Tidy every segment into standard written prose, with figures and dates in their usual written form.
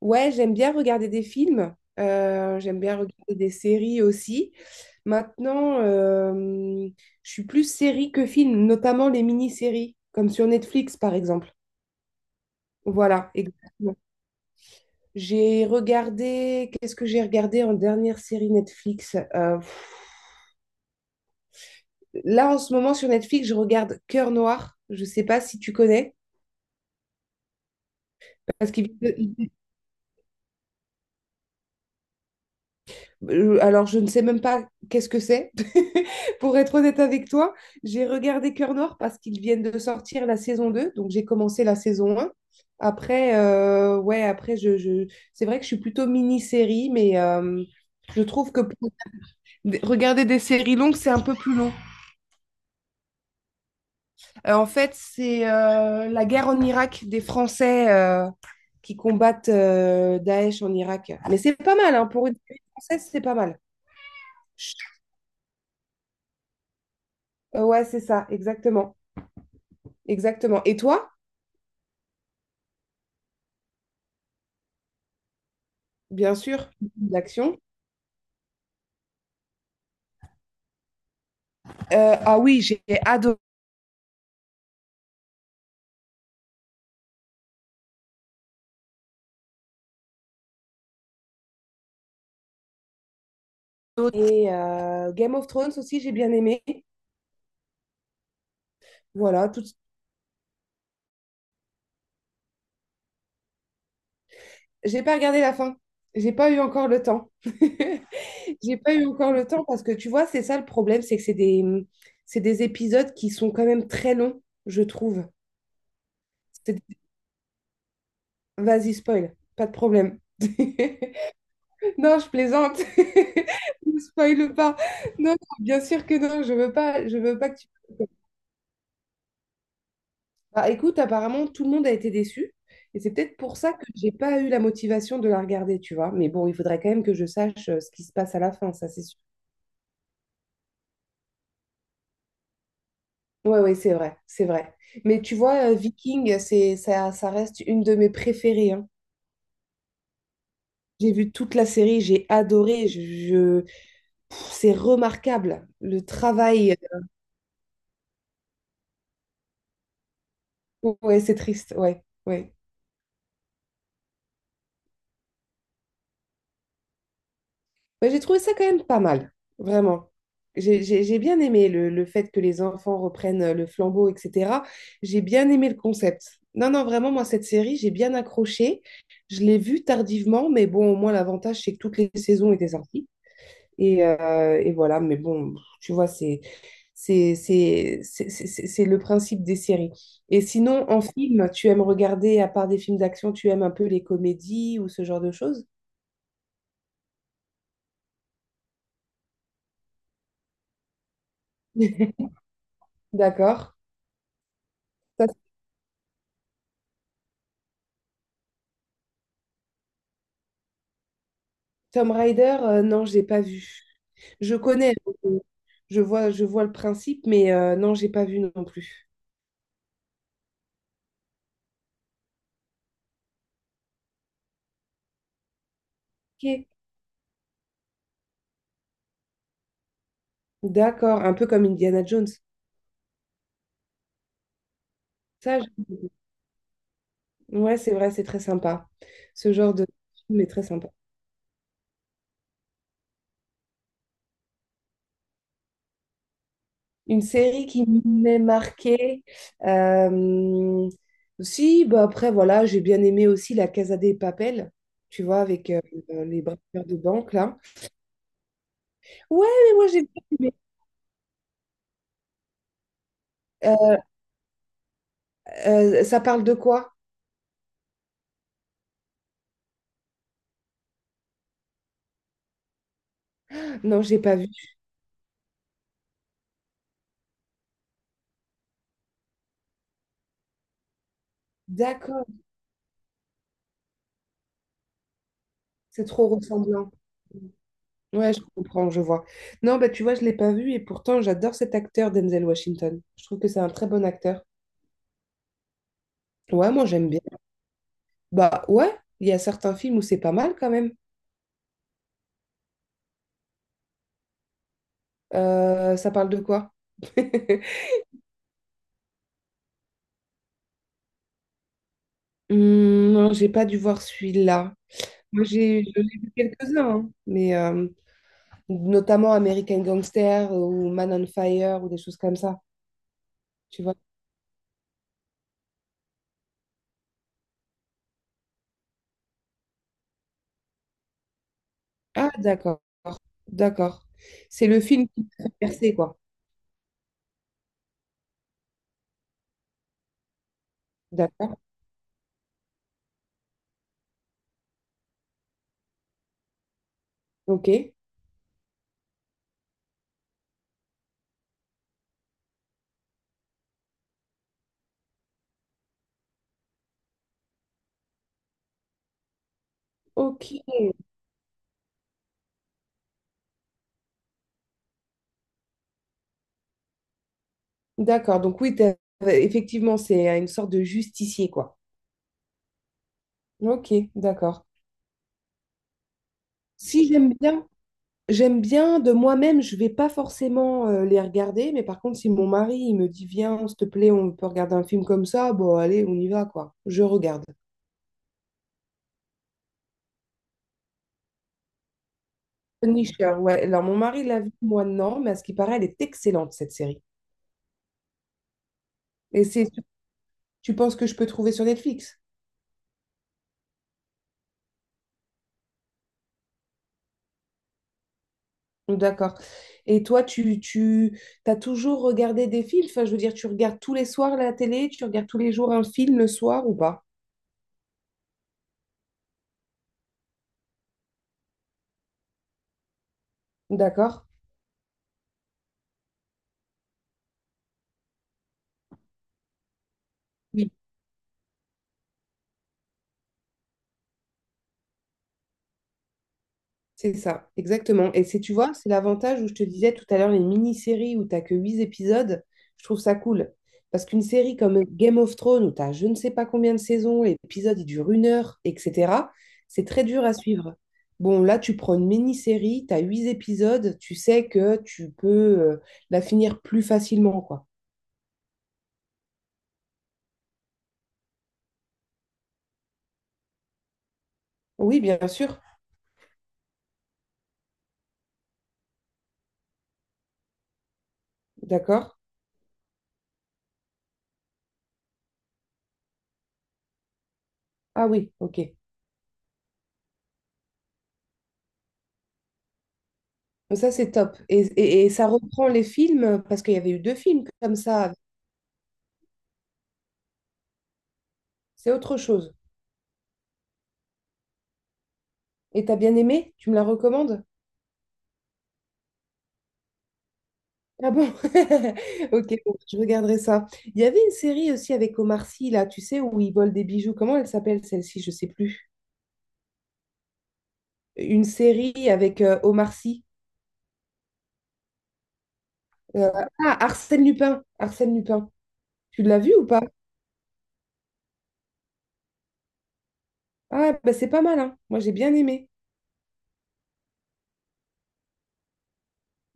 Ouais, j'aime bien regarder des films, j'aime bien regarder des séries aussi. Maintenant, je suis plus série que film, notamment les mini-séries, comme sur Netflix par exemple. Voilà, exactement. J'ai regardé, qu'est-ce que j'ai regardé en dernière série Netflix? Là, en ce moment, sur Netflix, je regarde Cœur Noir. Je ne sais pas si tu connais. Parce qu'il Alors, je ne sais même pas qu'est-ce que c'est. Pour être honnête avec toi, j'ai regardé Cœur Noir parce qu'ils viennent de sortir la saison 2, donc, j'ai commencé la saison un. Après, ouais, après, c'est vrai que je suis plutôt mini-série, mais je trouve que regarder des séries longues, c'est un peu plus long. En fait, c'est la guerre en Irak des Français qui combattent Daesh en Irak. Mais c'est pas mal, hein, pour une série française, c'est pas mal. Ouais, c'est ça, exactement. Exactement. Et toi, bien sûr, l'action. Ah oui, j'ai adoré. Et Game of Thrones aussi, j'ai bien aimé. Voilà, tout. J'ai pas regardé la fin. J'ai pas eu encore le temps. J'ai pas eu encore le temps parce que tu vois, c'est ça le problème, c'est que c'est des épisodes qui sont quand même très longs, je trouve. C'est- Vas-y, spoil, pas de problème. Non, je plaisante. Ne spoil pas. Non, non, bien sûr que non, je veux pas que tu. Bah, écoute, apparemment, tout le monde a été déçu. Et c'est peut-être pour ça que j'ai pas eu la motivation de la regarder, tu vois. Mais bon, il faudrait quand même que je sache ce qui se passe à la fin, ça c'est sûr. Ouais, ouais, c'est vrai, c'est vrai. Mais tu vois, Viking, ça, ça reste une de mes préférées, hein. J'ai vu toute la série, j'ai adoré. C'est remarquable. Le travail. Ouais, c'est triste. Ouais, ouais. Ouais, j'ai trouvé ça quand même pas mal, vraiment. J'ai bien aimé le fait que les enfants reprennent le flambeau, etc. J'ai bien aimé le concept. Non, non, vraiment, moi, cette série, j'ai bien accroché. Je l'ai vue tardivement, mais bon, au moins, l'avantage, c'est que toutes les saisons étaient sorties. Et voilà, mais bon, tu vois, c'est le principe des séries. Et sinon, en film, tu aimes regarder, à part des films d'action, tu aimes un peu les comédies ou ce genre de choses? D'accord. Tomb Raider, non, j'ai pas vu. Je connais, euh, je vois le principe, mais non, j'ai pas vu non plus. Ok, d'accord, un peu comme Indiana Jones. Ça, je- ouais, c'est vrai, c'est très sympa. Ce genre de film est très sympa. Une série qui m'est marquée. euh, Si, bah après, voilà, j'ai bien aimé aussi La Casa des Papel, tu vois, avec les braqueurs de banque, là. Ouais, mais moi, j'ai bien aimé. Euh, ça parle de quoi? Non, j'ai pas vu. D'accord. C'est trop ressemblant. Ouais, je comprends, je vois. Non, bah tu vois, je l'ai pas vu et pourtant j'adore cet acteur Denzel Washington. Je trouve que c'est un très bon acteur. Ouais, moi j'aime bien. Bah ouais, il y a certains films où c'est pas mal quand même. Ça parle de quoi? Hmm, non, j'ai pas dû voir celui-là. Moi j'en ai vu quelques-uns, hein, mais notamment American Gangster ou Man on Fire ou des choses comme ça. Tu vois? Ah d'accord, d'accord. C'est le film qui perçait quoi. D'accord, ok. Ok, d'accord. Donc oui, effectivement, c'est une sorte de justicier, quoi. Ok, d'accord. Si j'aime bien, j'aime bien de moi-même, je vais pas forcément les regarder, mais par contre, si mon mari il me dit, viens, s'il te plaît, on peut regarder un film comme ça, bon, allez, on y va, quoi. Je regarde. Punisher, ouais. Alors mon mari l'a vu, moi non, mais à ce qui paraît, elle est excellente, cette série. Et c'est, tu penses que je peux trouver sur Netflix? D'accord. Et toi, tu as toujours regardé des films? Enfin, je veux dire, tu regardes tous les soirs la télé, tu regardes tous les jours un film le soir ou pas? D'accord. C'est ça, exactement. Et tu vois, c'est l'avantage où je te disais tout à l'heure, les mini-séries où t'as que 8 épisodes, je trouve ça cool. Parce qu'une série comme Game of Thrones, où t'as je ne sais pas combien de saisons, l'épisode il dure une heure, etc., c'est très dur à suivre. Bon, là, tu prends une mini-série, t'as 8 épisodes, tu sais que tu peux euh, la finir plus facilement, quoi. Oui, bien sûr, d'accord. Ah oui, ok. Ça, c'est top. Et ça reprend les films, parce qu'il y avait eu deux films comme ça. C'est autre chose. Et t'as bien aimé? Tu me la recommandes? Ah bon? Ok, bon, je regarderai ça. Il y avait une série aussi avec Omar Sy, là, tu sais, où il vole des bijoux. Comment elle s'appelle celle-ci? Je sais plus. Une série avec Omar Sy. Euh, Arsène Lupin. Arsène Lupin. Tu l'as vu ou pas? Ah, bah c'est pas mal, hein. Moi, j'ai bien aimé.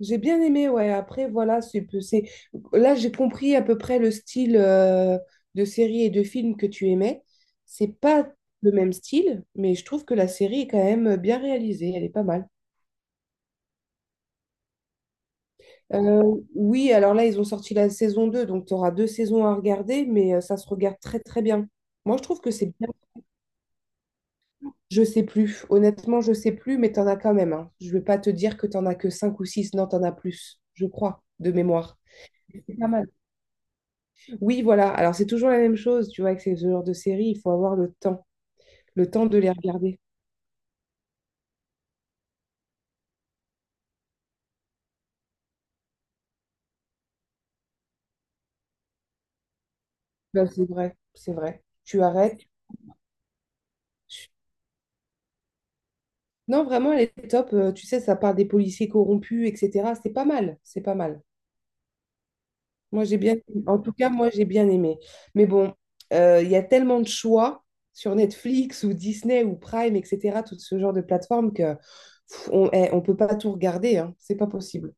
J'ai bien aimé, ouais. Après, voilà. Là, j'ai compris à peu près le style de série et de film que tu aimais. C'est pas le même style, mais je trouve que la série est quand même bien réalisée. Elle est pas mal. Euh, oui, alors là, ils ont sorti la saison 2, donc tu auras deux saisons à regarder, mais ça se regarde très, très bien. Moi, je trouve que c'est bien. Je sais plus. Honnêtement, je sais plus, mais t'en as quand même, hein. Je vais pas te dire que t'en as que 5 ou 6. Non, t'en as plus, je crois, de mémoire. C'est pas mal. Oui, voilà. Alors, c'est toujours la même chose, tu vois, avec ce genre de série, il faut avoir le temps de les regarder. Ben, c'est vrai, c'est vrai. Tu arrêtes. tu- Non, vraiment, elle est top. Tu sais, ça part des policiers corrompus, etc. C'est pas mal, c'est pas mal. Moi, j'ai bien, en tout cas, moi, j'ai bien aimé. Mais bon, il y a tellement de choix sur Netflix ou Disney ou Prime, etc., tout ce genre de plateforme que on peut pas tout regarder, hein. C'est pas possible.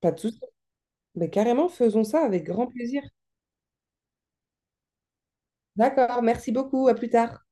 Pas de souci. Mais carrément, faisons ça avec grand plaisir. D'accord, merci beaucoup. À plus tard.